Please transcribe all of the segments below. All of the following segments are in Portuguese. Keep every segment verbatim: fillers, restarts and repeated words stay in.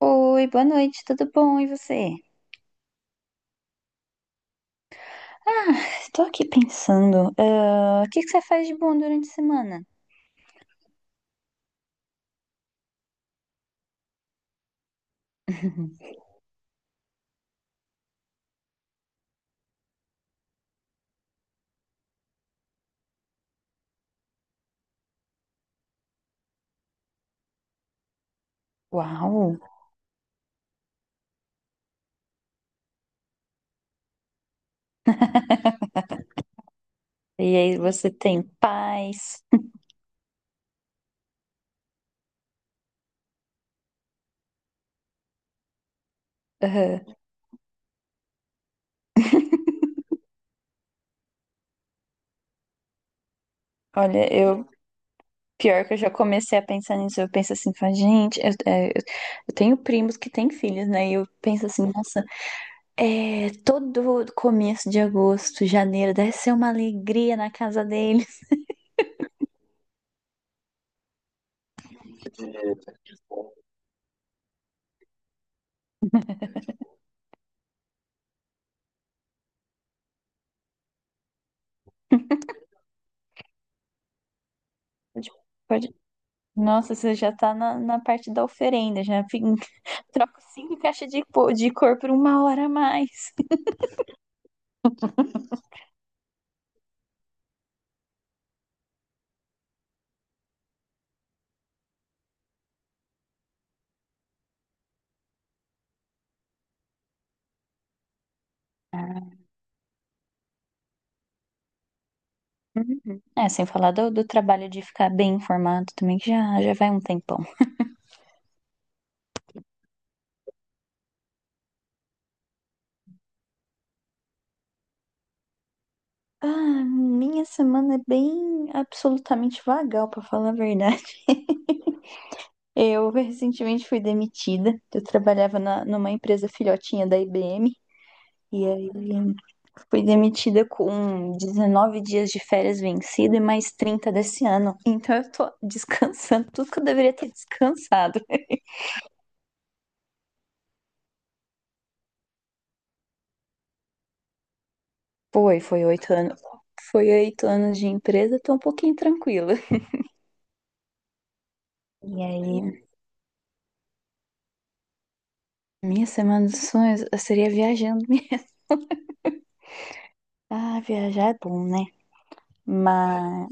Oi, boa noite, tudo bom? E você? Ah, estou aqui pensando, ah, o que que você faz de bom durante a semana? Uau! E aí, você tem paz? Aham. Olha, eu, pior que eu já comecei a pensar nisso, eu penso assim, falo, gente, eu, é, eu- eu tenho primos que têm filhos, né? E eu penso assim, nossa, é, todo começo de agosto, janeiro, deve ser uma alegria na casa deles. Pode- pode- Nossa, você já tá na, na parte da oferenda, já fica troco cinco caixas de, de cor por uma hora a mais. Ah. Uhum. É, sem falar do, do trabalho de ficar bem informado também, que já, já vai um tempão. Ah, minha semana é bem absolutamente vagal, pra falar a verdade. Eu recentemente fui demitida. Eu trabalhava na, numa empresa filhotinha da I B M. E aí fui demitida com dezenove dias de férias vencida e mais trinta desse ano. Então eu tô descansando tudo que eu deveria ter descansado. Foi, foi oito anos. Foi oito anos de empresa, tô um pouquinho tranquila. E aí, minha semana dos sonhos eu seria viajando. Ah, viajar é bom, né? Mas.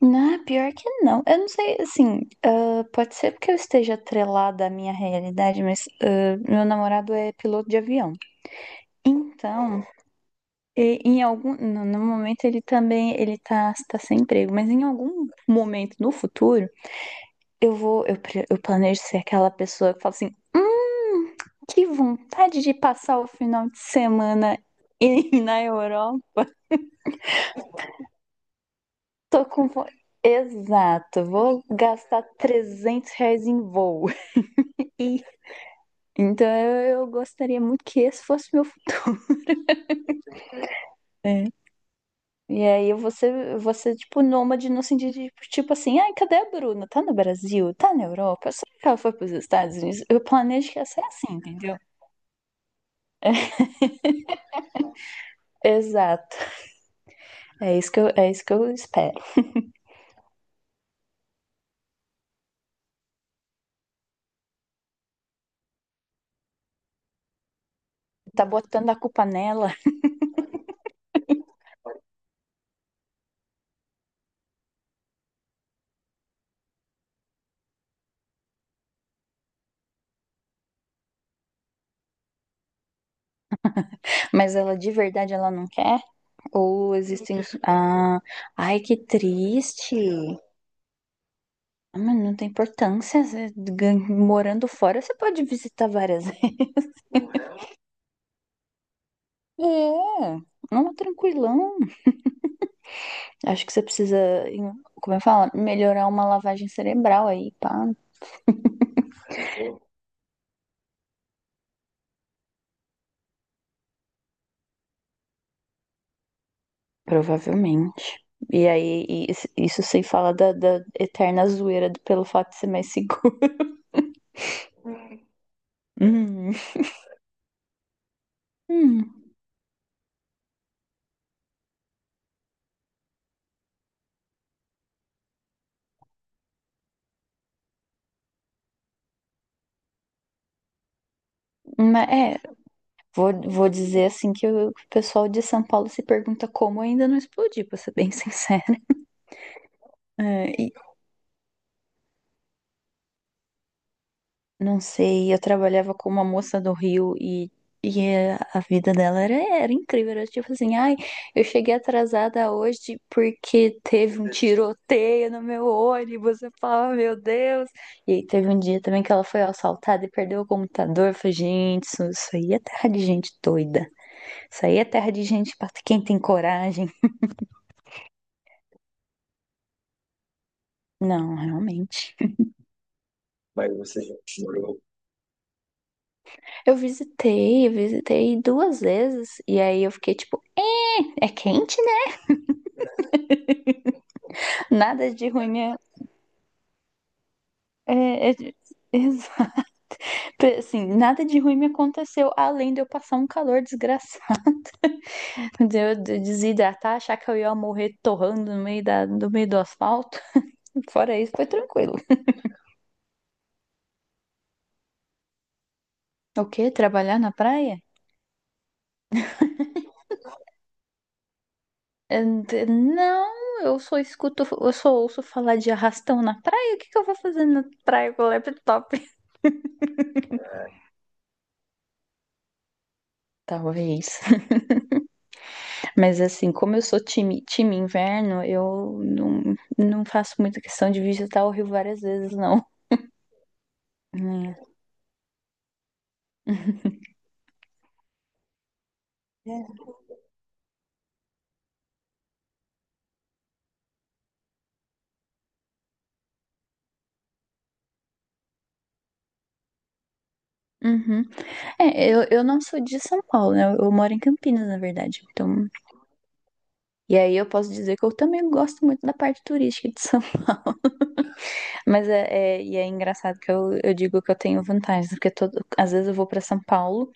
Não, pior que não. Eu não sei, assim. Ah, pode ser porque eu esteja atrelada à minha realidade, mas ah, meu namorado é piloto de avião. Então, e- em algum. No, no momento ele também. Ele tá, tá sem emprego, mas em algum momento no futuro, eu vou. Eu, pre- eu planejo ser aquela pessoa que fala assim. Hum. Que vontade de passar o final de semana em- na Europa. Tô com. vo- Exato, vou gastar trezentos reais em voo. E- então eu, eu gostaria muito que esse fosse meu futuro. Né? E aí eu vou ser, vou ser, tipo, nômade no sentido de, tipo assim, ai, cadê a Bruna? Tá no Brasil? Tá na Europa? Será que ela foi pros Estados Unidos? Eu planejo que ia ser assim, entendeu? Exato. É isso que eu, é isso que eu espero. Tá botando a culpa nela. Mas ela de verdade ela não quer? Ou existem. Os- ah, ai, que triste. Ah, mas não tem importância. você gan- morando fora, você pode visitar várias. É, não, tranquilão. Acho que você precisa, em- como eu falo, melhorar uma lavagem cerebral aí, pá. Provavelmente. E aí, e isso isso sem falar da, da eterna zoeira do- pelo fato de ser mais seguro. Hum. Hum. Mas, é, Vou, vou dizer assim que o pessoal de São Paulo se pergunta como ainda não explodiu, pra ser bem sincera. É, e não sei, eu trabalhava com uma moça do Rio e, e é, a vida dela era, era incrível. Era tipo assim, ai, eu cheguei atrasada hoje porque teve um tiroteio no meu ônibus. Eu falava, meu Deus. E aí teve um dia também que ela foi assaltada e perdeu o computador. Eu falei, gente, isso, isso aí é terra de gente doida. Isso aí é terra de gente pra quem tem coragem. Não, realmente. Mas você já morou. Eu visitei, eu visitei duas vezes, e aí eu fiquei tipo, é, é quente, né? Nada de ruim me. É, é- exato. Assim, nada de ruim me aconteceu, além de eu passar um calor desgraçado, de eu desidratar, achar que eu ia morrer torrando no meio, da, no meio do asfalto. Fora isso, foi tranquilo. O quê? Trabalhar na praia? É, não, eu só escuto, eu só ouço falar de arrastão na praia. O que que eu vou fazer na praia com o laptop? Talvez. Mas assim, como eu sou time, time inverno, eu não, não faço muita questão de visitar o Rio várias vezes, não. Hum. É. Uhum. É, eu, eu não sou de São Paulo, né? Eu, eu moro em Campinas, na verdade. Então, e aí eu posso dizer que eu também gosto muito da parte turística de São. Mas é, é- e é engraçado que eu, eu digo que eu tenho vantagens, porque todo, às vezes eu vou para São Paulo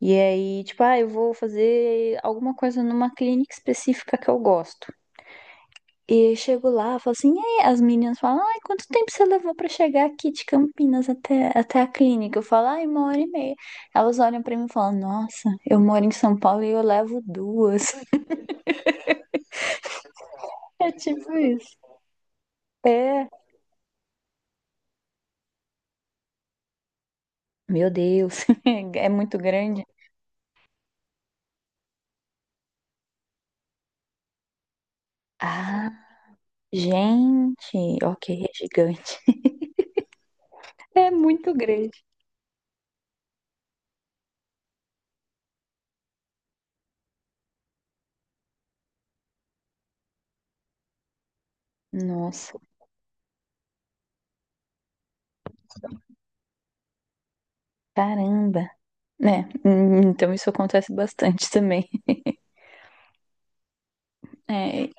e aí, tipo, ah, eu vou fazer alguma coisa numa clínica específica que eu gosto. E eu chego lá, falo assim, e aí? As meninas falam, ai, quanto tempo você levou pra chegar aqui de Campinas até, até a clínica? Eu falo, ai, uma hora e meia. Elas olham pra mim e falam, nossa, eu moro em São Paulo e eu levo duas. É tipo isso. É, meu Deus, é muito grande. Ah, gente, ok, é gigante. É muito grande. Nossa, caramba. É, hum, então isso acontece bastante também. É,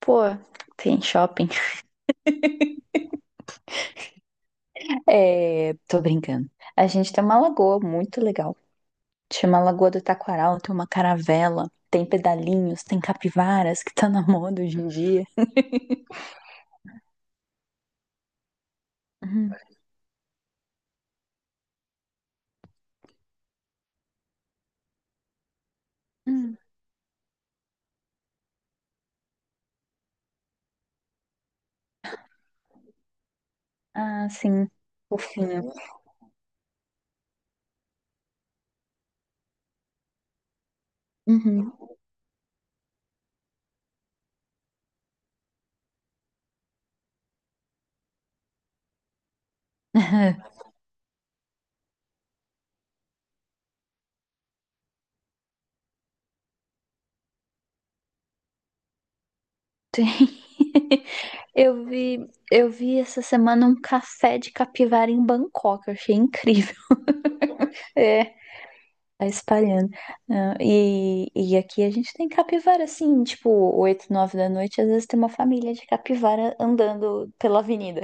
pô, tem shopping. É, tô brincando. A gente tem uma lagoa muito legal. Chama Lagoa do Taquaral, tem uma caravela, tem pedalinhos, tem capivaras que tá na moda hoje em dia. Uhum. Uhum. Ah, sim. Fofinho. Uhum. Tem. Eu vi, eu vi essa semana um café de capivara em Bangkok, eu achei incrível. É. Tá espalhando. Ah, e, e aqui a gente tem capivara, assim, tipo, oito nove da noite, às vezes tem uma família de capivara andando pela avenida.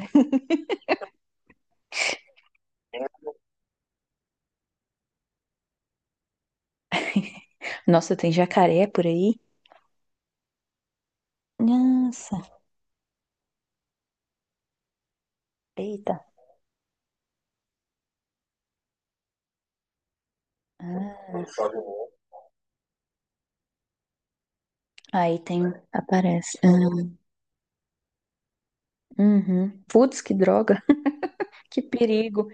Nossa, tem jacaré por aí? Nossa, eita. Ah, aí tem, aparece. Ah, uhum. Putz, que droga, que perigo.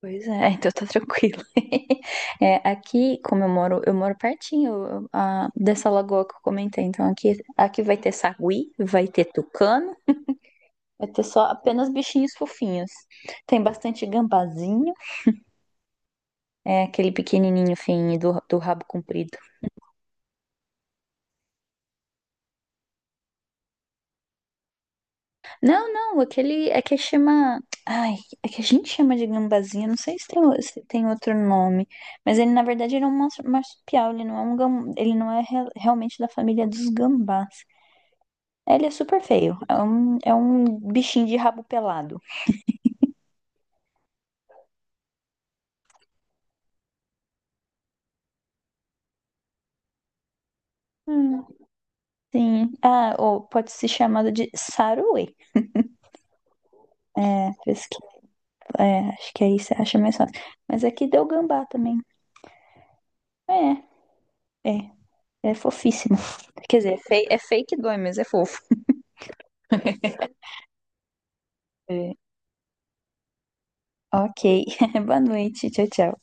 Pois é, então tá tranquilo. É, aqui, como eu moro, eu moro pertinho ah, dessa lagoa que eu comentei, então aqui, aqui vai ter sagui, vai ter tucano. Vai ter só apenas bichinhos fofinhos. Tem bastante gambazinho, é aquele pequenininho fininho do, do rabo comprido. Não, não, aquele é que chama. Ai, é que a gente chama de gambazinho, não sei se tem, se tem outro nome. Mas ele, na verdade, ele é um mas- marsupial, ele não é um gam... ele não é re- realmente da família dos gambás. É, ele é super feio, é um, é um bichinho de rabo pelado. Hum, sim. Ah, ou pode ser chamado de saruê. É, é, acho que aí você acha mais fácil. Mas aqui deu gambá também. É, é. É fofíssimo. Quer dizer, é, fe- é fake dói, mas é fofo. É, ok. Boa noite. Tchau, tchau.